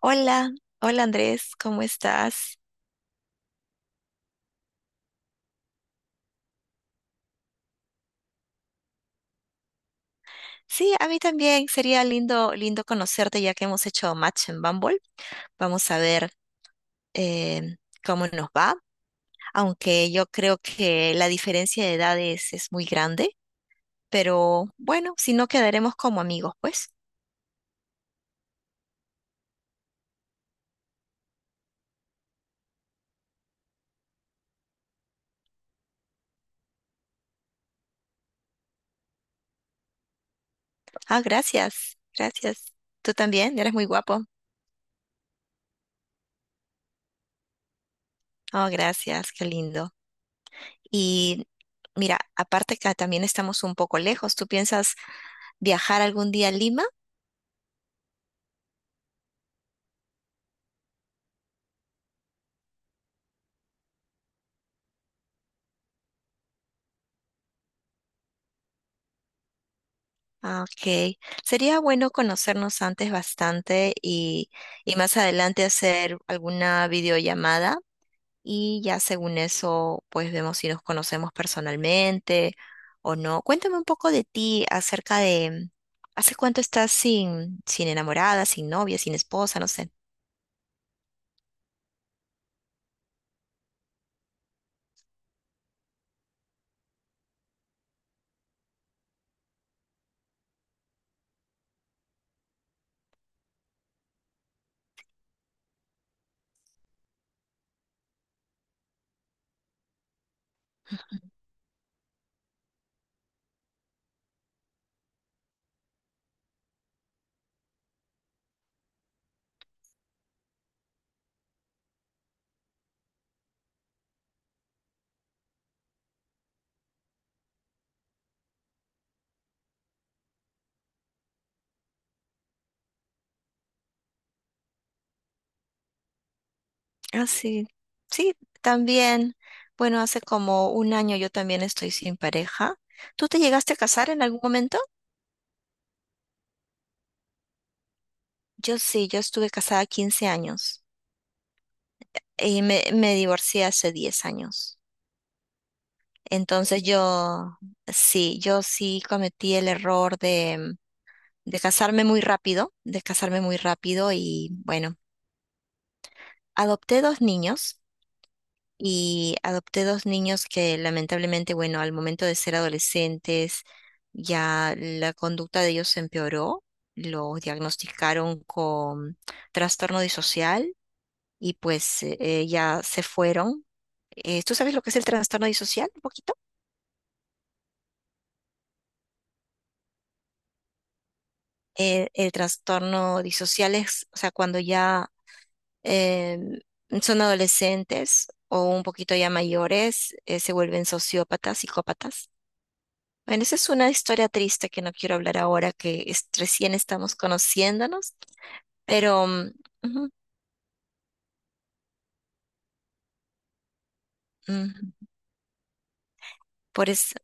Hola, hola Andrés, ¿cómo estás? Sí, a mí también sería lindo, lindo conocerte ya que hemos hecho match en Bumble. Vamos a ver, eh, cómo nos va, aunque yo creo que la diferencia de edades es muy grande, pero bueno, si no quedaremos como amigos, pues. Ah, gracias, gracias. Tú también, eres muy guapo. Oh, gracias, qué lindo. Y mira, aparte que también estamos un poco lejos, ¿tú piensas viajar algún día a Lima? Ah, ok, sería bueno conocernos antes bastante y más adelante hacer alguna videollamada y ya según eso pues vemos si nos conocemos personalmente o no. Cuéntame un poco de ti, acerca de ¿hace cuánto estás sin enamorada, sin novia, sin esposa? No sé. Ah, sí, sí, también. Bueno, hace como un año yo también estoy sin pareja. ¿Tú te llegaste a casar en algún momento? Yo sí, yo estuve casada 15 años. Y me divorcié hace 10 años. Entonces yo, sí, yo sí cometí el error de casarme muy rápido, y bueno, adopté dos niños adopté dos niños que lamentablemente, bueno, al momento de ser adolescentes ya la conducta de ellos se empeoró, los diagnosticaron con trastorno disocial y pues ya se fueron. ¿Tú sabes lo que es el trastorno disocial? El trastorno disocial es, o sea, cuando ya eh, son adolescentes o un poquito ya mayores, se vuelven sociópatas, psicópatas. Bueno, esa es una historia triste que no quiero hablar ahora, que recién estamos conociéndonos, pero mm, ujú, ujú. Por es-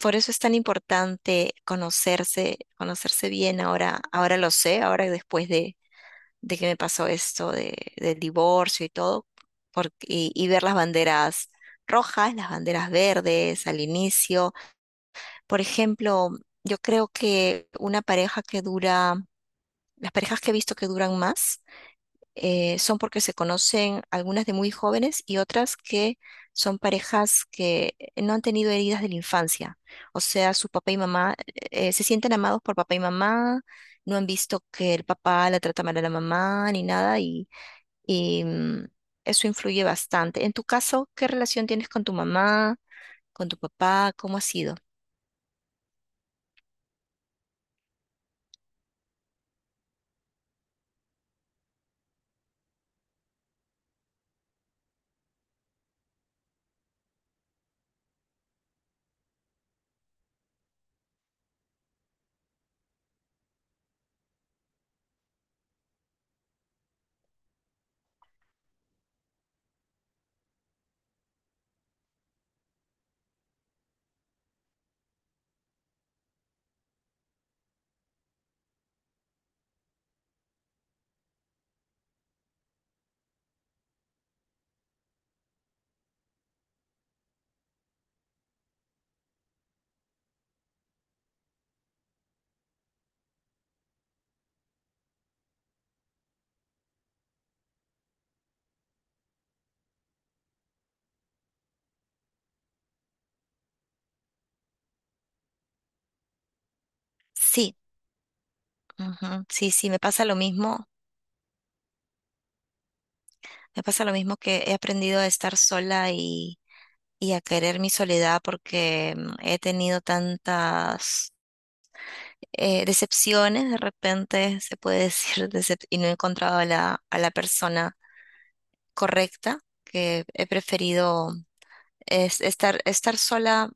por eso es tan importante conocerse, bien. Ahora, ahora lo sé, ahora después de que me pasó esto del divorcio y todo, y ver las banderas rojas, las banderas verdes al inicio. Por ejemplo, yo creo que una pareja que dura, las parejas que he visto que duran más, son porque se conocen algunas de muy jóvenes y otras que son parejas que no han tenido heridas de la infancia. O sea, su papá y mamá, se sienten amados por papá y mamá, no han visto que el papá la trata mal a la mamá ni nada y y mm, eso influye bastante. En tu caso, ¿qué relación tienes con tu mamá, con tu papá? ¿Cómo ha sido? Sí, ujú, sí, sí, me pasa lo mismo. Me pasa lo mismo que he aprendido a estar sola y a querer mi soledad porque he tenido tantas decepciones, de repente se puede decir, y no he encontrado a la persona correcta que he preferido. Es estar sola,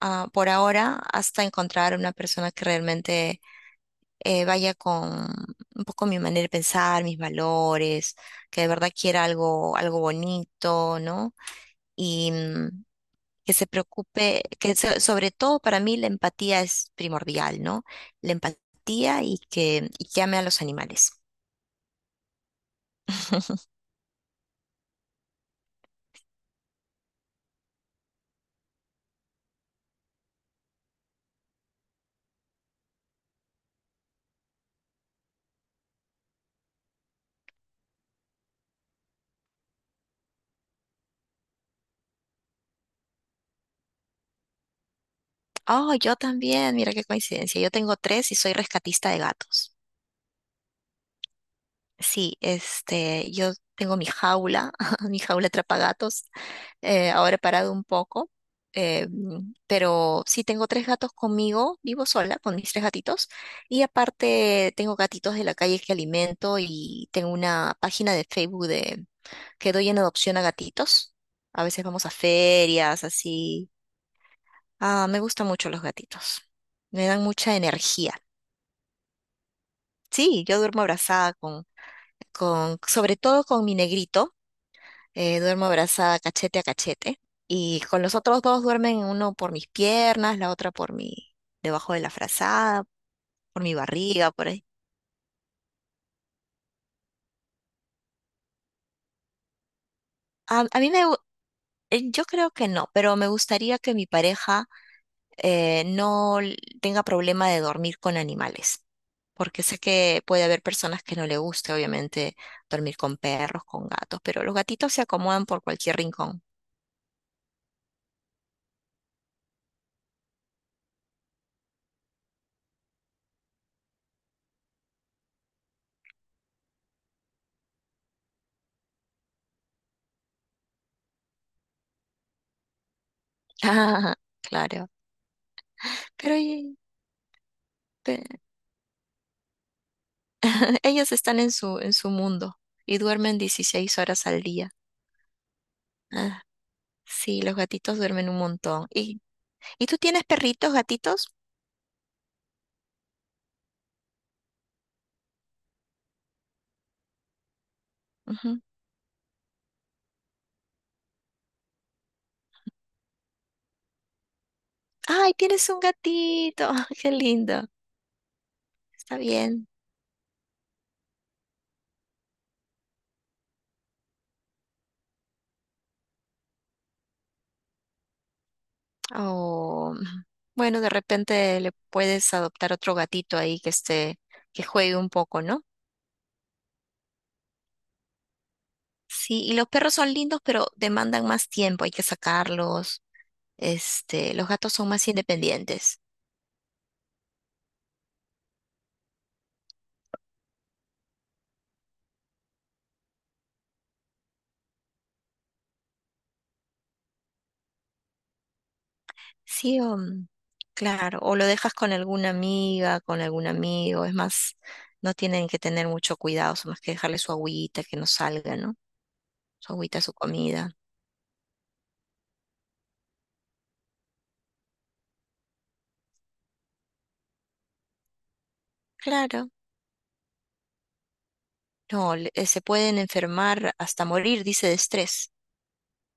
por ahora, hasta encontrar una persona que realmente vaya con un poco mi manera de pensar, mis valores, que de verdad quiera algo, algo bonito, ¿no? Y mm, que se preocupe, que sobre todo para mí la empatía es primordial, ¿no? La empatía y y que ame a los animales. Oh, yo también, mira qué coincidencia. Yo tengo tres y soy rescatista de gatos. Sí, este, yo tengo mi jaula, mi jaula atrapagatos, ahora he parado un poco, pero sí tengo tres gatos conmigo, vivo sola con mis tres gatitos, y aparte tengo gatitos de la calle que alimento y tengo una página de Facebook que doy en adopción a gatitos. A veces vamos a ferias, así. Ah, me gustan mucho los gatitos, me dan mucha energía. Sí, yo duermo abrazada sobre todo con mi negrito. Duermo abrazada cachete a cachete. Y con los otros dos duermen uno por mis piernas, la otra por debajo de la frazada, por mi barriga, por ahí. A mí yo creo que no, pero me gustaría que mi pareja no tenga problema de dormir con animales, porque sé que puede haber personas que no le guste, obviamente, dormir con perros, con gatos, pero los gatitos se acomodan por cualquier rincón. Ah, claro, pero, pe- ellos están en su mundo y duermen 16 horas al día. Ah, sí, los gatitos duermen un montón. ¿Y tú tienes perritos, gatitos? Ujú. Ay, tienes un gatito. Qué lindo. Está bien. O bueno, de repente le puedes adoptar otro gatito ahí que esté, que juegue un poco, ¿no? Sí, y los perros son lindos, pero demandan más tiempo, hay que sacarlos. Este, los gatos son más independientes. Sí, o, mm, claro, o lo dejas con alguna amiga, con algún amigo, es más, no tienen que tener mucho cuidado, es más que dejarle su agüita, que no salga, ¿no? Su agüita, su comida. Claro, no, se pueden enfermar hasta morir, dice, de estrés.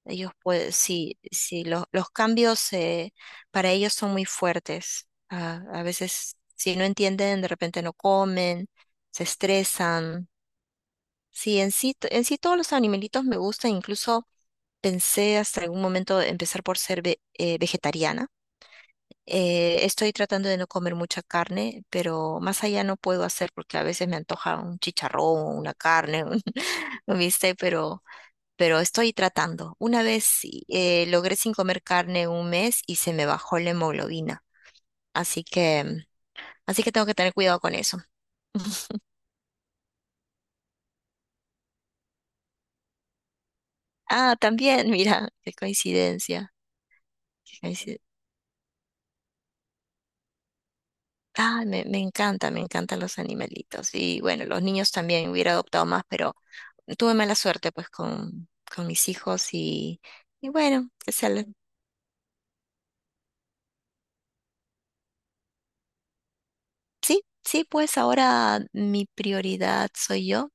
Ellos pueden, sí, sí, los cambios para ellos son muy fuertes. Ah, a veces, si no entienden, de repente no comen, se estresan. Sí, en sí, en sí todos los animalitos me gustan, incluso pensé hasta algún momento empezar por ser vegetariana. Estoy tratando de no comer mucha carne, pero más allá no puedo hacer porque a veces me antoja un chicharrón, una carne, un, un bistec, pero, estoy tratando. Una vez sí, logré sin comer carne un mes y se me bajó la hemoglobina, así que, así que tengo que tener cuidado con eso. Ah, también, mira, qué coincidencia. Qué coincidencia. Ay, me encantan los animalitos. Y bueno, los niños también hubiera adoptado más, pero tuve mala suerte pues con mis hijos y bueno, o sea, sí, sí, pues ahora mi prioridad soy yo.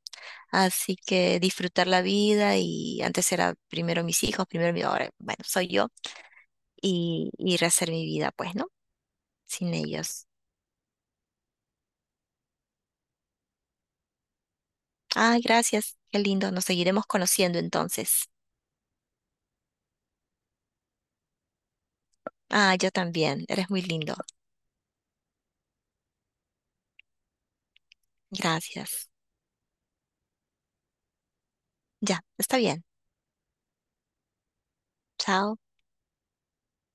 Así que disfrutar la vida y antes era primero mis hijos, ahora, bueno, soy yo y rehacer mi vida, pues, ¿no? Sin ellos. Ay, gracias, qué lindo. Nos seguiremos conociendo entonces. Ah, yo también. Eres muy lindo. Gracias. Ya, está bien. Chao.